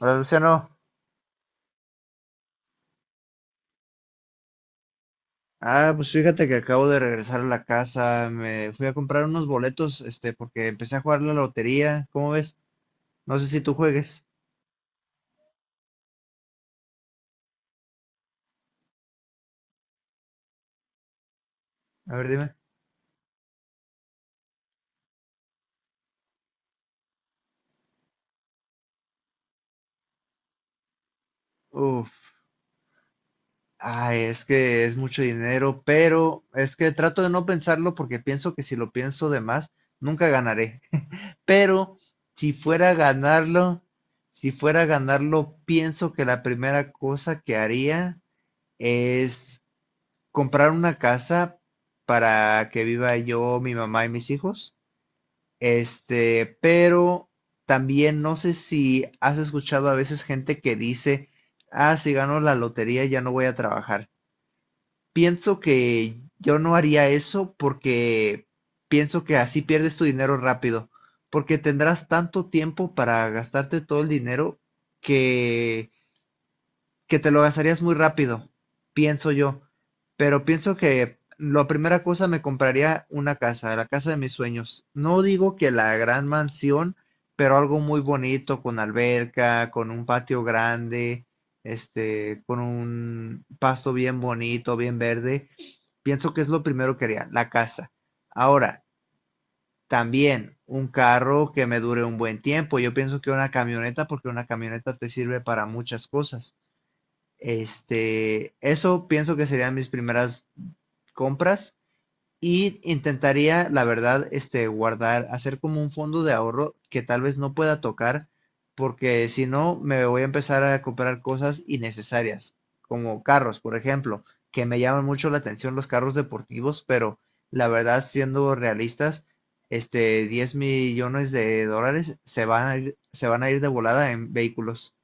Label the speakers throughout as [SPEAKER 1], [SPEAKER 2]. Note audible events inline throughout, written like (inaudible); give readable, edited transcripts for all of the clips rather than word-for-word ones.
[SPEAKER 1] Hola Luciano. Ah, pues fíjate que acabo de regresar a la casa. Me fui a comprar unos boletos, este, porque empecé a jugar la lotería. ¿Cómo ves? No sé si tú juegues. A ver, dime. Uf. Ay, es que es mucho dinero, pero es que trato de no pensarlo porque pienso que si lo pienso de más, nunca ganaré. (laughs) Pero si fuera a ganarlo, si fuera a ganarlo, pienso que la primera cosa que haría es comprar una casa para que viva yo, mi mamá y mis hijos. Este, pero también no sé si has escuchado a veces gente que dice, ah, si gano la lotería ya no voy a trabajar. Pienso que yo no haría eso porque pienso que así pierdes tu dinero rápido, porque tendrás tanto tiempo para gastarte todo el dinero que que te lo gastarías muy rápido, pienso yo. Pero pienso que la primera cosa me compraría una casa, la casa de mis sueños. No digo que la gran mansión, pero algo muy bonito, con alberca, con un patio grande, este, con un pasto bien bonito, bien verde. Pienso que es lo primero que haría, la casa. Ahora, también un carro que me dure un buen tiempo. Yo pienso que una camioneta, porque una camioneta te sirve para muchas cosas. Este, eso pienso que serían mis primeras compras y intentaría, la verdad, este, guardar, hacer como un fondo de ahorro que tal vez no pueda tocar porque si no me voy a empezar a comprar cosas innecesarias, como carros, por ejemplo, que me llaman mucho la atención los carros deportivos, pero la verdad, siendo realistas, este 10 millones de dólares se van a ir, se van a ir de volada en vehículos.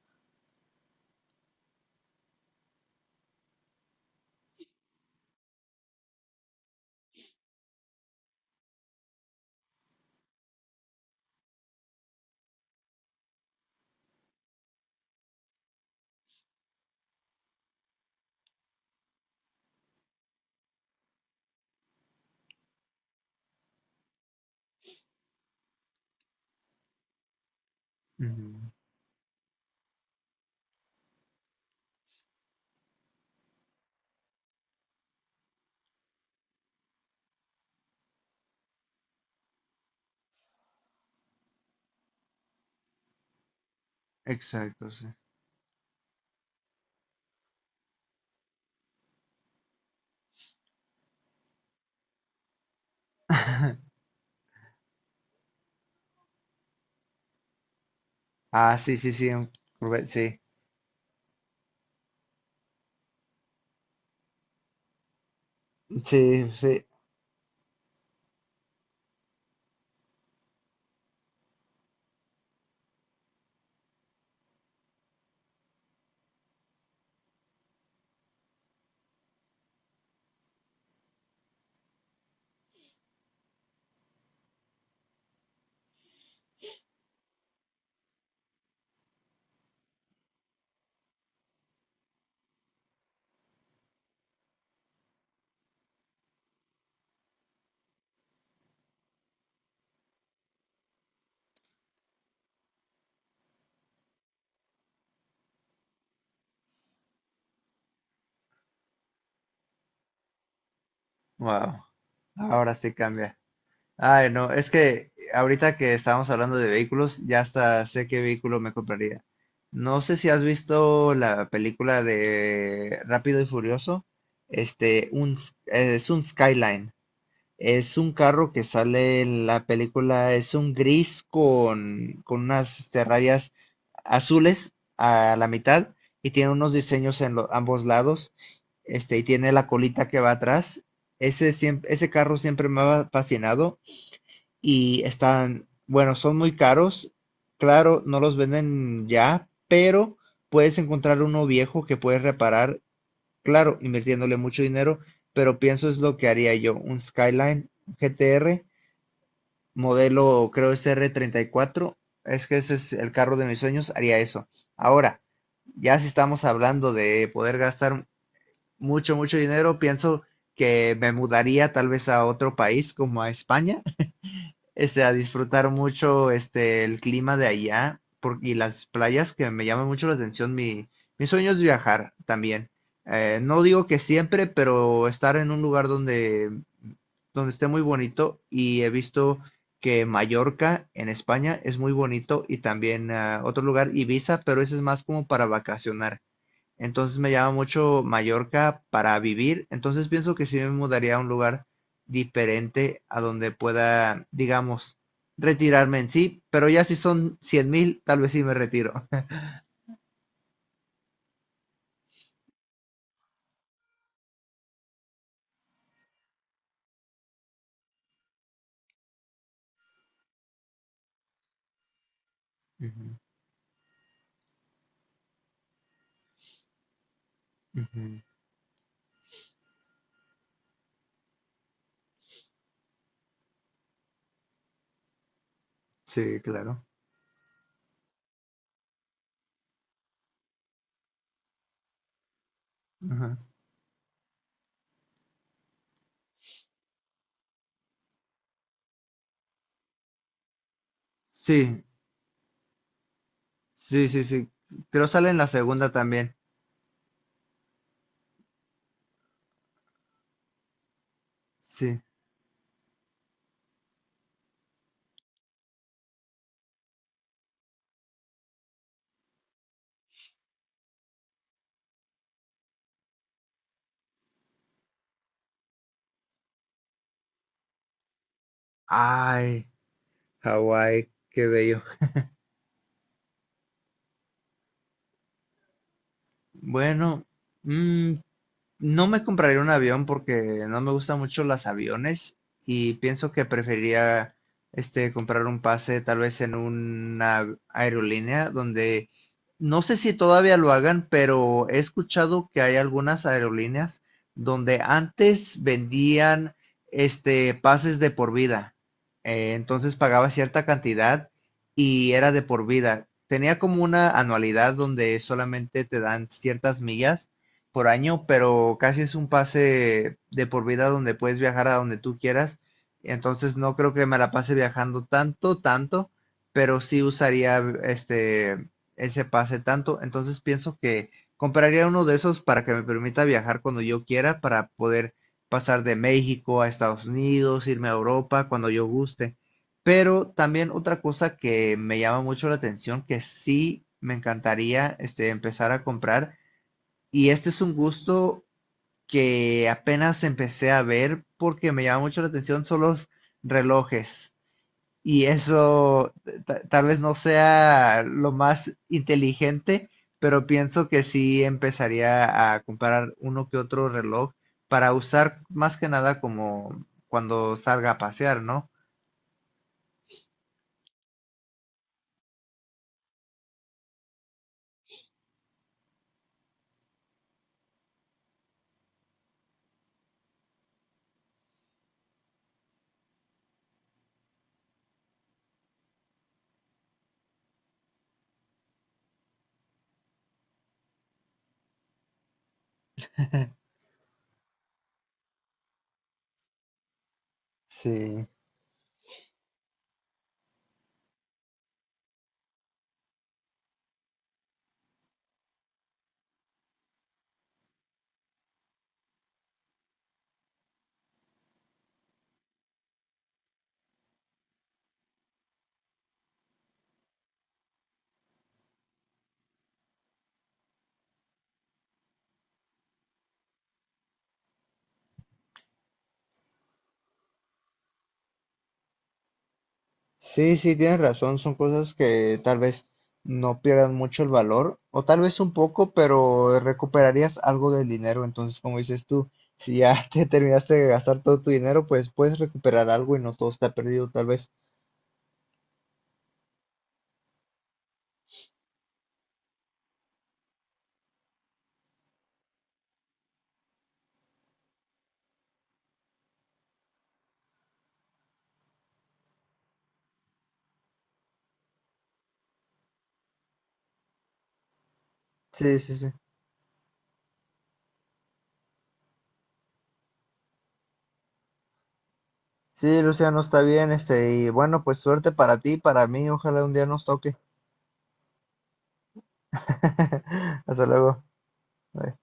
[SPEAKER 1] Ujú. Exacto, sí. (laughs) Ah, sí, sí, sí, sí. Sí, sí. Wow. Ahora sí cambia. Ay, no, es que ahorita que estábamos hablando de vehículos, ya hasta sé qué vehículo me compraría. No sé si has visto la película de Rápido y Furioso. Es un Skyline. Es un carro que sale en la película, es un gris con unas este, rayas azules a la mitad y tiene unos diseños ambos lados, este, y tiene la colita que va atrás. Ese carro siempre me ha fascinado y están, bueno, son muy caros. Claro, no los venden ya, pero puedes encontrar uno viejo que puedes reparar claro, invirtiéndole mucho dinero, pero pienso es lo que haría yo, un Skyline GTR, modelo creo es R34, es que ese es el carro de mis sueños, haría eso. Ahora, ya si estamos hablando de poder gastar mucho, mucho dinero, pienso que me mudaría tal vez a otro país como a España este, a disfrutar mucho este, el clima de allá y las playas que me llaman mucho la atención. Mi sueño es viajar también. No digo que siempre, pero estar en un lugar donde, donde esté muy bonito y he visto que Mallorca en España es muy bonito y también ah, otro lugar, Ibiza, pero ese es más como para vacacionar. Entonces me llama mucho Mallorca para vivir. Entonces pienso que sí me mudaría a un lugar diferente a donde pueda, digamos, retirarme en sí. Pero ya si son 100 mil, tal vez sí me retiro. (laughs) Ujú, ujú. Sí, claro. Ajá. Sí, sí, sí, sí. Creo sale en la segunda también. Sí. Ay, Hawái, qué bello. Bueno, mm, no me compraría un avión porque no me gustan mucho los aviones y pienso que preferiría este comprar un pase tal vez en una aerolínea donde no sé si todavía lo hagan, pero he escuchado que hay algunas aerolíneas donde antes vendían este pases de por vida. Entonces pagaba cierta cantidad y era de por vida. Tenía como una anualidad donde solamente te dan ciertas millas por año, pero casi es un pase de por vida donde puedes viajar a donde tú quieras. Entonces no creo que me la pase viajando tanto, tanto, pero sí usaría este ese pase tanto. Entonces pienso que compraría uno de esos para que me permita viajar cuando yo quiera, para poder pasar de México a Estados Unidos, irme a Europa cuando yo guste. Pero también otra cosa que me llama mucho la atención, que sí me encantaría este, empezar a comprar, y este es un gusto que apenas empecé a ver porque me llama mucho la atención son los relojes. Y eso tal vez no sea lo más inteligente, pero pienso que sí empezaría a comprar uno que otro reloj para usar más que nada como cuando salga a pasear, ¿no? (laughs) Sí. Sí, sí, tienes razón, son cosas que tal vez no pierdan mucho el valor, o tal vez un poco, pero recuperarías algo del dinero. Entonces, como dices tú, si ya (laughs) te terminaste de gastar todo tu dinero, pues puedes recuperar algo y no todo está perdido, tal vez. Sí, sí, sí. Sí, Luciano, está bien, este, y bueno, pues suerte para ti, para mí, ojalá un día nos toque. (laughs) Hasta luego. Bye.